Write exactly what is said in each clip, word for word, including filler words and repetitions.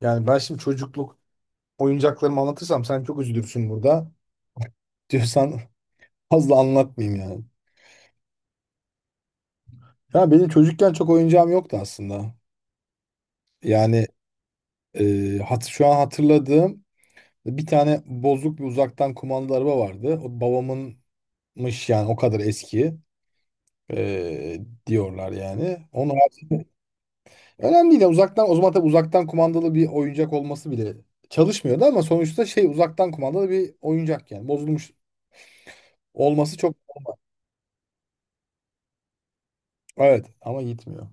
Yani ben şimdi çocukluk oyuncaklarımı anlatırsam sen çok üzülürsün burada. Diyorsan fazla anlatmayayım yani. Ya benim çocukken çok oyuncağım yoktu aslında. Yani e, hat şu an hatırladığım bir tane bozuk bir uzaktan kumandalı araba vardı. O babamınmış yani o kadar eski e, diyorlar yani. Onun haricinde önemli değil. Yani uzaktan o zaman tabii uzaktan kumandalı bir oyuncak olması bile çalışmıyordu ama sonuçta şey uzaktan kumandalı bir oyuncak yani. Bozulmuş olması çok evet ama gitmiyor.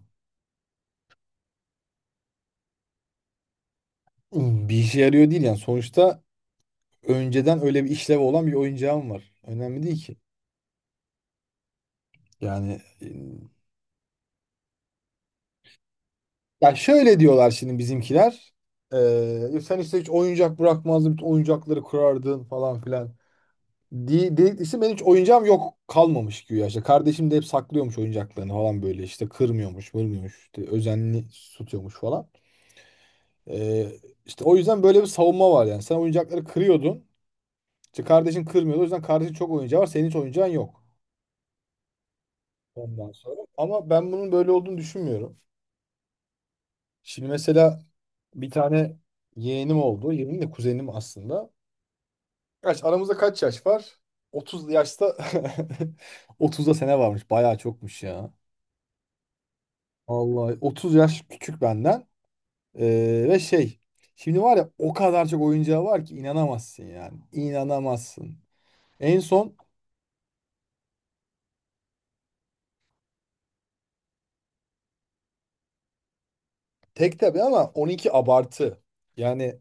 Bir işe yarıyor değil yani. Sonuçta önceden öyle bir işlevi olan bir oyuncağım var. Önemli değil ki. Yani e, ya şöyle diyorlar şimdi bizimkiler. Ee, sen işte hiç oyuncak bırakmazdın, bütün oyuncakları kurardın falan filan. De dedikçe benim hiç oyuncağım yok kalmamış güya işte. Kardeşim de hep saklıyormuş oyuncaklarını falan böyle işte kırmıyormuş, vurmuyormuş, işte özenli tutuyormuş falan. Ee, işte o yüzden böyle bir savunma var yani. Sen oyuncakları kırıyordun. İşte kardeşin kırmıyordu. O yüzden kardeşin çok oyuncağı var. Senin hiç oyuncağın yok. Ondan sonra. Ama ben bunun böyle olduğunu düşünmüyorum. Şimdi mesela bir tane yeğenim oldu. Yeğenim de kuzenim aslında. Kaç, aramızda kaç yaş var? Otuz yaşta otuzda sene varmış. Bayağı çokmuş ya. Vallahi otuz yaş küçük benden. Ee, ve şey şimdi var ya o kadar çok oyuncağı var ki inanamazsın yani. İnanamazsın. En son tek tabii ama on iki abartı. Yani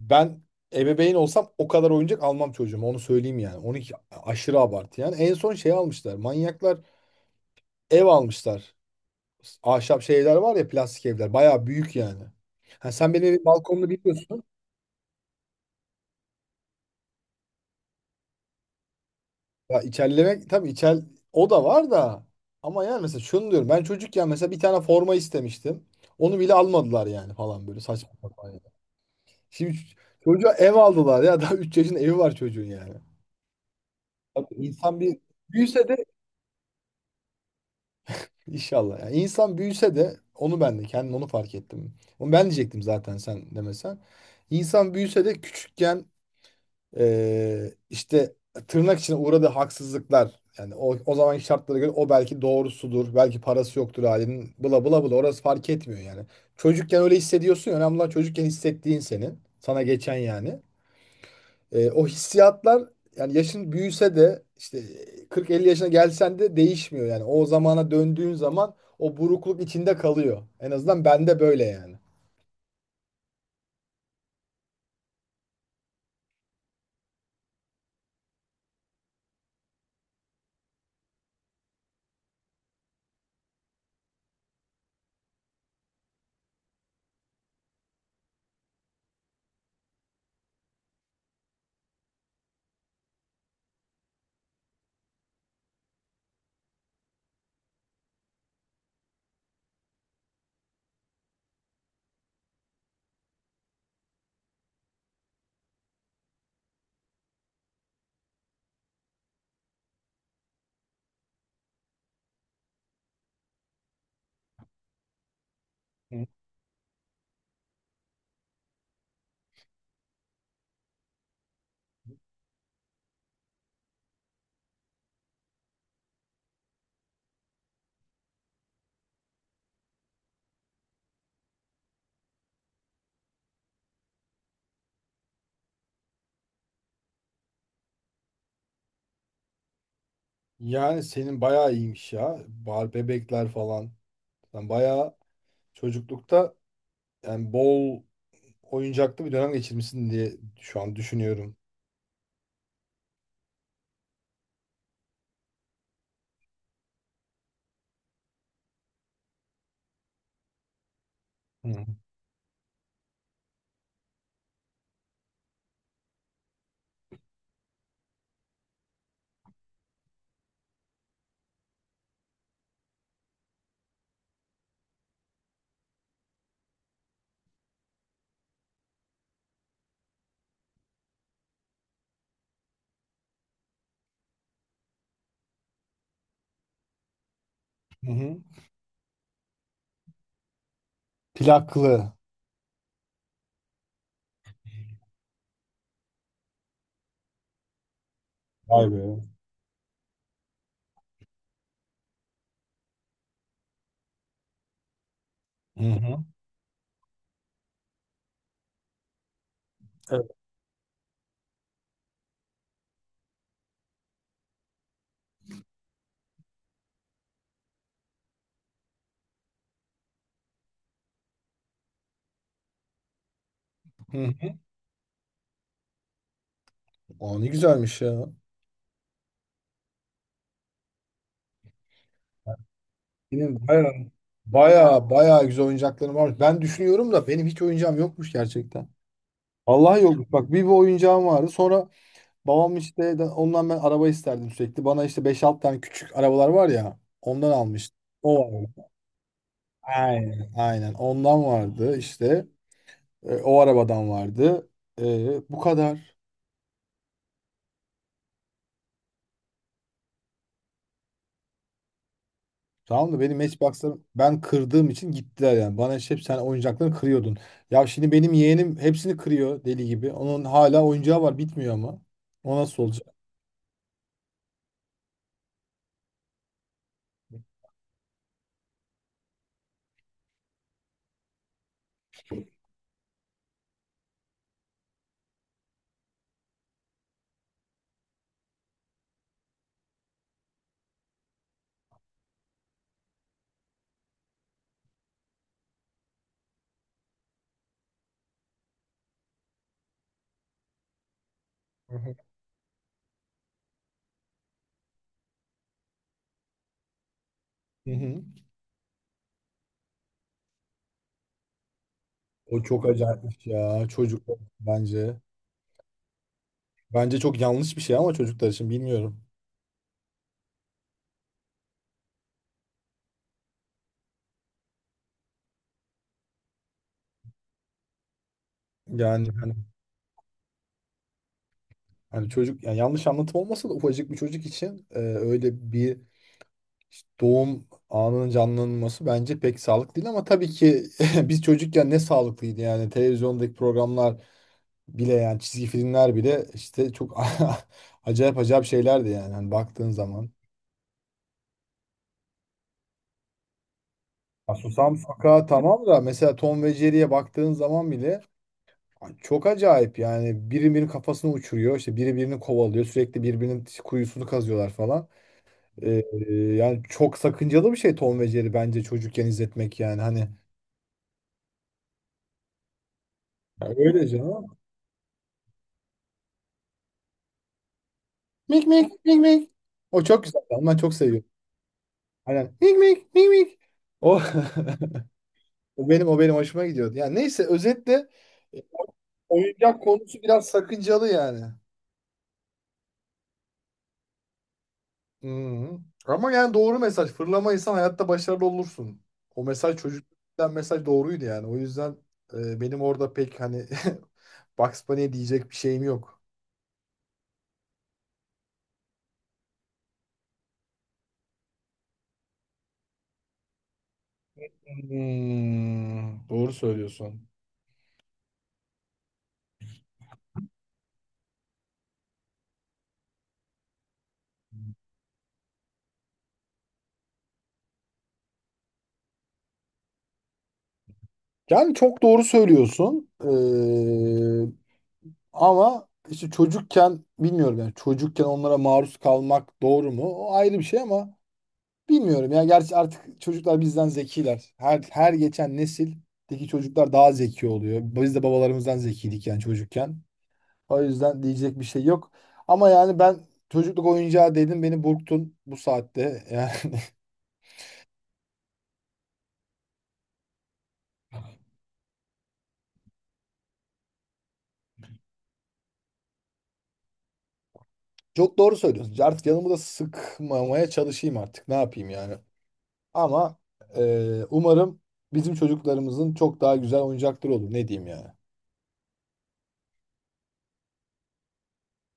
ben ebeveyn olsam o kadar oyuncak almam çocuğuma onu söyleyeyim yani. on iki aşırı abartı yani. En son şey almışlar. Manyaklar ev almışlar. Ahşap şeyler var ya plastik evler. Bayağı büyük yani. Ha, sen benim evin balkonunu biliyorsun. Ya içerlemek tabii içer o da var da. Ama yani mesela şunu diyorum. Ben çocukken mesela bir tane forma istemiştim. Onu bile almadılar yani falan böyle saçma sapan yani. Şimdi ç- çocuğa ev aldılar ya. Daha üç yaşında evi var çocuğun yani. Tabii insan bir büyüse de İnşallah. Yani insan büyüse de onu ben de kendim onu fark ettim. Onu ben diyecektim zaten sen demesen. İnsan büyüse de küçükken eee, işte tırnak içine uğradığı haksızlıklar yani o, o zamanki şartlara göre o belki doğrusudur. Belki parası yoktur ailenin. Bla bla bla orası fark etmiyor yani. Çocukken öyle hissediyorsun ya. Önemli olan çocukken hissettiğin senin. Sana geçen yani. E, o hissiyatlar yani yaşın büyüse de işte kırk elli yaşına gelsen de değişmiyor yani. O zamana döndüğün zaman o burukluk içinde kalıyor. En azından bende böyle yani. Hı. Yani senin bayağı iyiymiş ya. Bar bebekler falan. Sen bayağı çocuklukta yani bol oyuncaklı bir dönem geçirmişsin diye şu an düşünüyorum. Hı. Hı. Plaklı. Vay be. Hı hı. Evet. Hı. Aa, ne güzelmiş ya. Benim bayağı bayağı bayağı güzel oyuncaklarım var. Ben düşünüyorum da benim hiç oyuncağım yokmuş gerçekten. Vallahi yokmuş. Bak bir bir oyuncağım vardı. Sonra babam işte de- ondan ben araba isterdim sürekli. Bana işte beş altı tane küçük arabalar var ya ondan almıştı. O vardı. Aynen. Aynen. Ondan vardı işte. E, o arabadan vardı. E, bu kadar. Tamam da benim Matchbox'larım ben kırdığım için gittiler yani. Bana işte hep sen oyuncaklarını kırıyordun. Ya şimdi benim yeğenim hepsini kırıyor deli gibi. Onun hala oyuncağı var bitmiyor ama. O nasıl olacak? Hı hı. Hı hı. O çok acayipmiş ya çocuklar bence. Bence çok yanlış bir şey ama çocuklar için bilmiyorum. Yani hani, hani çocuk yani yanlış anlatım olmasa da ufacık bir çocuk için e, öyle bir işte doğum anının canlanması bence pek sağlıklı değil ama tabii ki biz çocukken ne sağlıklıydı yani televizyondaki programlar bile yani çizgi filmler bile işte çok acayip acayip şeylerdi yani hani baktığın zaman. Ya Susam Sokağı tamam da mesela Tom ve Jerry'ye baktığın zaman bile ay çok acayip yani biri birinin kafasını uçuruyor işte biri birini kovalıyor sürekli birbirinin kuyusunu kazıyorlar falan. Ee, yani çok sakıncalı bir şey Tom ve Jerry bence çocukken izletmek yani hani. Ya öyle canım. Mik mik mik mik. O çok güzel. Ben çok seviyorum. Aynen. Mik mik mik mik. O. O benim o benim hoşuma gidiyordu. Yani neyse özetle e, oyuncak konusu biraz sakıncalı yani. Hı. Ama yani doğru mesaj. Fırlamayırsan hayatta başarılı olursun. O mesaj çocukluktan mesaj doğruydu yani. O yüzden e, benim orada pek hani Bugs Bunny'e diyecek bir şeyim yok. Hmm, doğru söylüyorsun. Yani çok doğru söylüyorsun. Ee, ama işte çocukken bilmiyorum yani çocukken onlara maruz kalmak doğru mu? O ayrı bir şey ama bilmiyorum ya. Gerçi artık çocuklar bizden zekiler. Her her geçen nesildeki çocuklar daha zeki oluyor. Biz de babalarımızdan zekiydik yani çocukken. O yüzden diyecek bir şey yok. Ama yani ben çocukluk oyuncağı dedim beni burktun bu saatte. Yani çok doğru söylüyorsun. Artık yanımı da sıkmamaya çalışayım artık. Ne yapayım yani? Ama e, umarım bizim çocuklarımızın çok daha güzel oyuncakları olur. Ne diyeyim yani?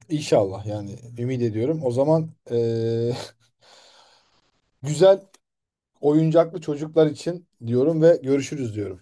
İnşallah yani ümit ediyorum. O zaman e, güzel oyuncaklı çocuklar için diyorum ve görüşürüz diyorum.